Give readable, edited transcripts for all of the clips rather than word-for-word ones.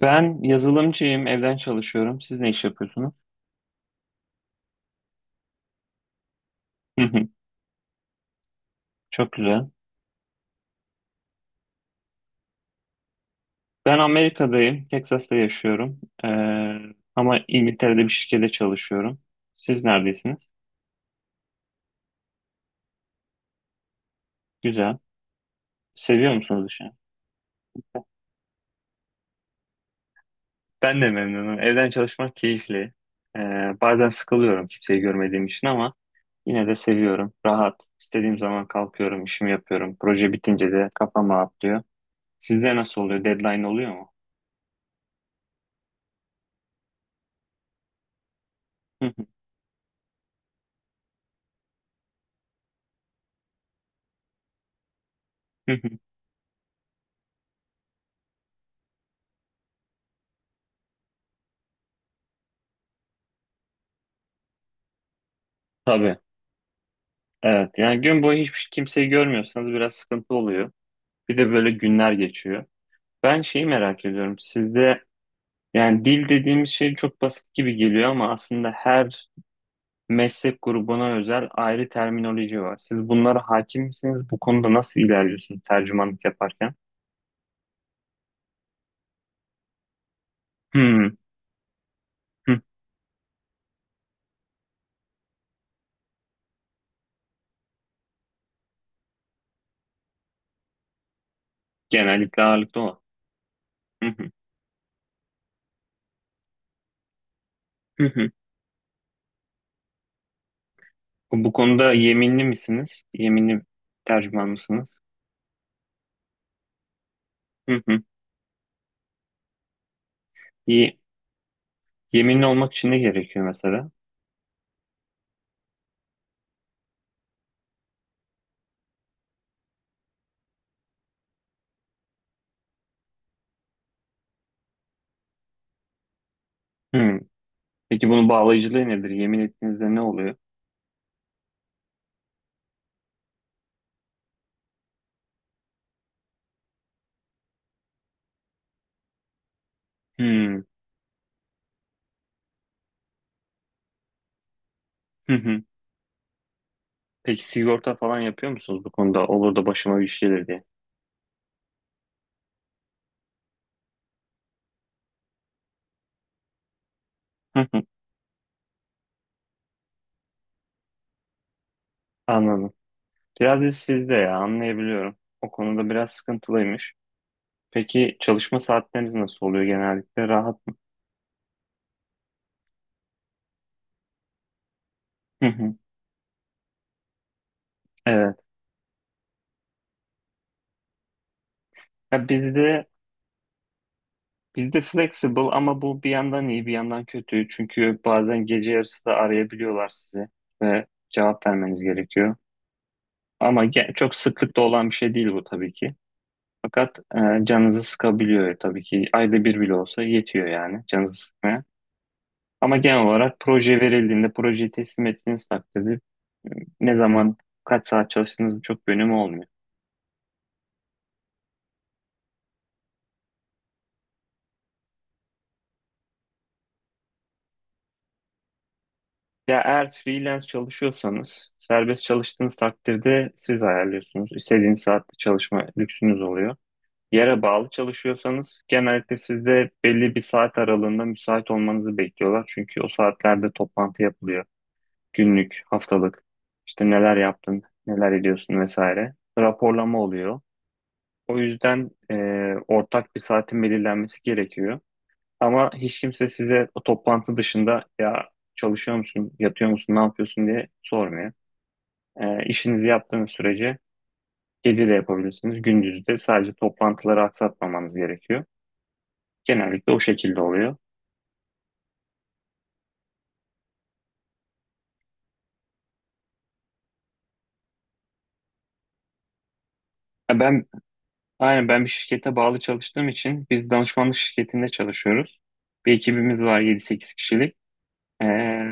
Ben yazılımcıyım, evden çalışıyorum. Siz ne iş yapıyorsunuz? Hı hı. Çok güzel. Ben Amerika'dayım, Texas'ta yaşıyorum. Ama İngiltere'de bir şirkette çalışıyorum. Siz neredesiniz? Güzel. Seviyor musunuz işi? Ben de memnunum. Evden çalışmak keyifli. Ee, bazen sıkılıyorum kimseyi görmediğim için ama yine de seviyorum. Rahat. İstediğim zaman kalkıyorum, işimi yapıyorum. Proje bitince de kafam rahatlıyor. Sizde nasıl oluyor? Deadline oluyor mu? Hı hı, hı hı. Tabii. Evet yani gün boyu hiçbir şey, kimseyi görmüyorsanız biraz sıkıntı oluyor. Bir de böyle günler geçiyor. Ben şeyi merak ediyorum. Sizde yani dil dediğimiz şey çok basit gibi geliyor ama aslında her meslek grubuna özel ayrı terminoloji var. Siz bunlara hakim misiniz? Bu konuda nasıl ilerliyorsunuz tercümanlık yaparken? Hmm. Hı. Genellikle ağırlıklı o. Hı hı, hı hı. Bu konuda yeminli misiniz? Yeminli tercüman mısınız? Hı hı. Ye- Yeminli olmak için ne gerekiyor mesela? Hmm. Peki bunun bağlayıcılığı nedir? Yemin ettiğinizde ne oluyor? Hmm. Hı hı. Peki sigorta falan yapıyor musunuz bu konuda? Olur da başıma bir şey gelir diye. Hı hı. Anladım. Biraz da sizde ya anlayabiliyorum. O konuda biraz sıkıntılıymış. Peki çalışma saatleriniz nasıl oluyor genellikle? Rahat mı? Hı hı. Evet. Ya bizde flexible ama bu bir yandan iyi bir yandan kötü. Çünkü bazen gece yarısı da arayabiliyorlar sizi ve cevap vermeniz gerekiyor. Ama çok sıklıkta olan bir şey değil bu tabii ki. Fakat canınızı sıkabiliyor tabii ki. Ayda bir bile olsa yetiyor yani canınızı sıkmaya. Ama genel olarak proje verildiğinde, projeyi teslim ettiğiniz takdirde ne zaman, kaç saat çalıştığınızın çok bir önemi olmuyor. Ya eğer freelance çalışıyorsanız, serbest çalıştığınız takdirde siz ayarlıyorsunuz. İstediğiniz saatte çalışma lüksünüz oluyor. Yere bağlı çalışıyorsanız genellikle sizde belli bir saat aralığında müsait olmanızı bekliyorlar. Çünkü o saatlerde toplantı yapılıyor. Günlük, haftalık, işte neler yaptın, neler ediyorsun vesaire. Raporlama oluyor. O yüzden ortak bir saatin belirlenmesi gerekiyor. Ama hiç kimse size o toplantı dışında ya çalışıyor musun, yatıyor musun, ne yapıyorsun diye sormuyor. İşinizi yaptığınız sürece gece de yapabilirsiniz, gündüz de sadece toplantıları aksatmamanız gerekiyor. Genellikle o şekilde oluyor. Ya aynen ben bir şirkete bağlı çalıştığım için biz danışmanlık şirketinde çalışıyoruz. Bir ekibimiz var yedi sekiz kişilik. Ee,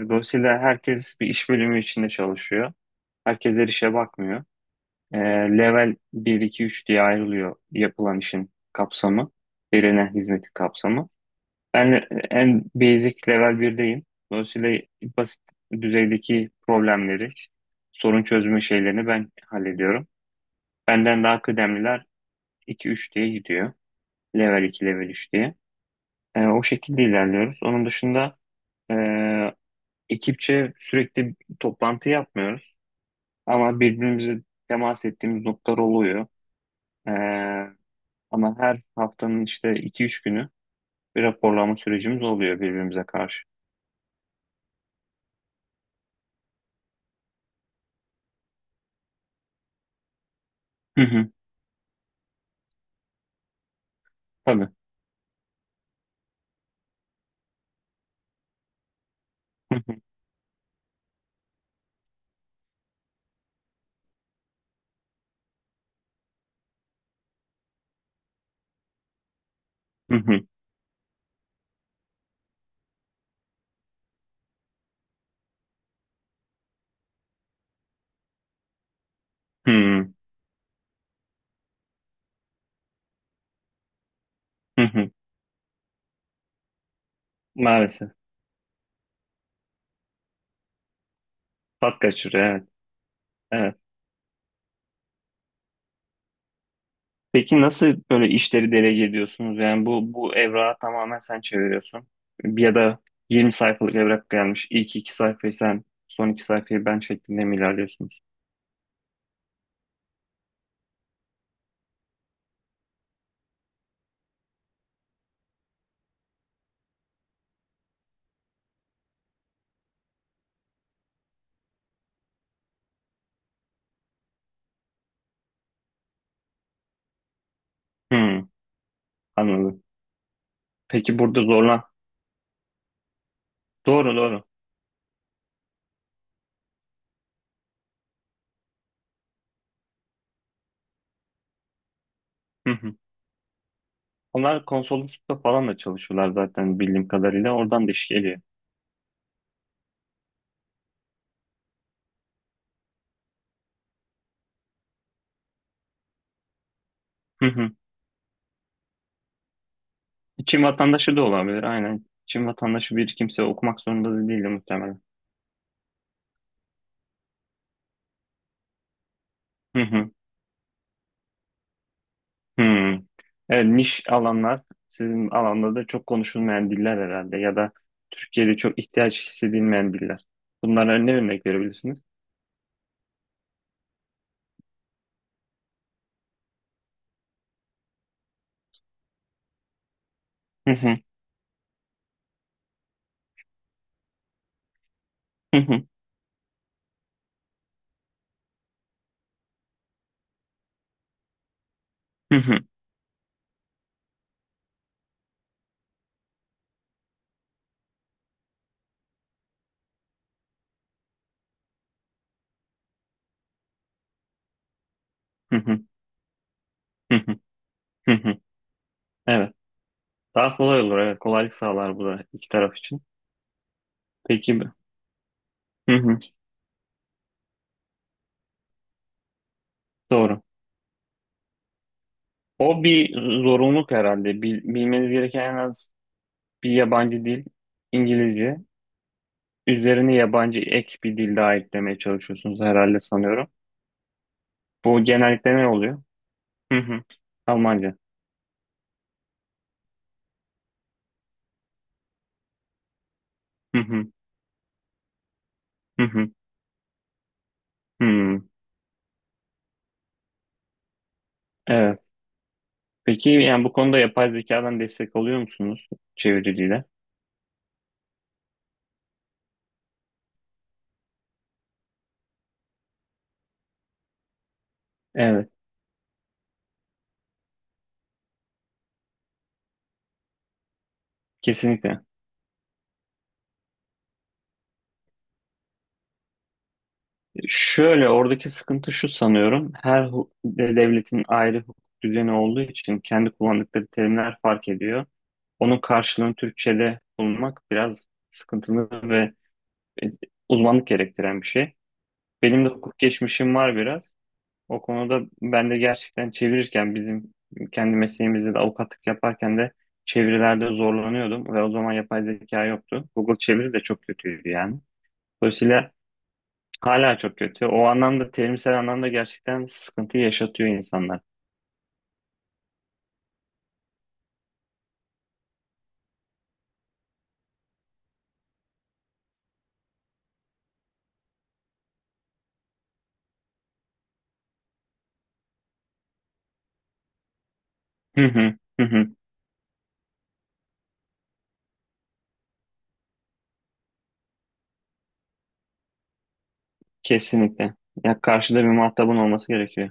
dolayısıyla herkes bir iş bölümü içinde çalışıyor. Herkes her işe bakmıyor. Ee, level bir 2 3 diye ayrılıyor yapılan işin kapsamı, verilen hizmetin kapsamı. Ben en basic level 1'deyim. Dolayısıyla basit düzeydeki problemleri, sorun çözme şeylerini ben hallediyorum. Benden daha kıdemliler 2 3 diye gidiyor. Level 2 level 3 diye. O şekilde ilerliyoruz. Onun dışında ee, ekipçe sürekli toplantı yapmıyoruz. Ama birbirimize temas ettiğimiz noktalar oluyor. Ee, ama her haftanın işte iki üç günü bir raporlama sürecimiz oluyor birbirimize karşı. Hı hı, tabii. Hı hı, hı hı, hı hı. Maalesef. Tat kaçırıyor, evet. Evet. Peki nasıl böyle işleri delege ediyorsunuz? Yani bu evrağı tamamen sen çeviriyorsun. Ya da 20 sayfalık evrak gelmiş. İlk iki sayfayı sen, son iki sayfayı ben şeklinde mi ilerliyorsunuz? Hı, anladım. Peki burada zorlan. Doğru, doğru. Hı hı. Onlar konsoloslukta falan da çalışıyorlar zaten bildiğim kadarıyla. Oradan da iş geliyor. Hı hı. Çin vatandaşı da olabilir aynen. Çin vatandaşı bir kimse okumak zorunda da değil de muhtemelen. Hı hı. Hı. Evet, niş alanlar sizin alanda da çok konuşulmayan diller herhalde ya da Türkiye'de çok ihtiyaç hissedilmeyen diller. Bunlara ne örnek verebilirsiniz? Hı hı. Hı hı. Hı hı. Hı hı. Hı hı. Hı hı. Evet. Daha kolay olur. Evet. Kolaylık sağlar bu da iki taraf için. Peki. Hı hı. Doğru. O bir zorunluluk herhalde. Bilmeniz gereken en az bir yabancı dil, İngilizce. Üzerine yabancı ek bir dil daha eklemeye çalışıyorsunuz herhalde sanıyorum. Bu genellikle ne oluyor? Hı hı. Almanca. Hı hı. Hı hı. Hı. Evet. Peki yani bu konuda yapay zekadan destek alıyor musunuz çeviriyle? Evet, kesinlikle. Şöyle oradaki sıkıntı şu sanıyorum. Her devletin ayrı hukuk düzeni olduğu için kendi kullandıkları terimler fark ediyor. Onun karşılığını Türkçe'de bulmak biraz sıkıntılı ve e, uzmanlık gerektiren bir şey. Benim de hukuk geçmişim var biraz. O konuda ben de gerçekten çevirirken bizim kendi mesleğimizde de avukatlık yaparken de çevirilerde zorlanıyordum ve o zaman yapay zeka yoktu. Google çeviri de çok kötüydü yani. Dolayısıyla hala çok kötü. O anlamda terimsel anlamda gerçekten sıkıntı yaşatıyor insanlar. Hı hı, hı hı, kesinlikle. Ya karşıda bir muhatabın olması gerekiyor.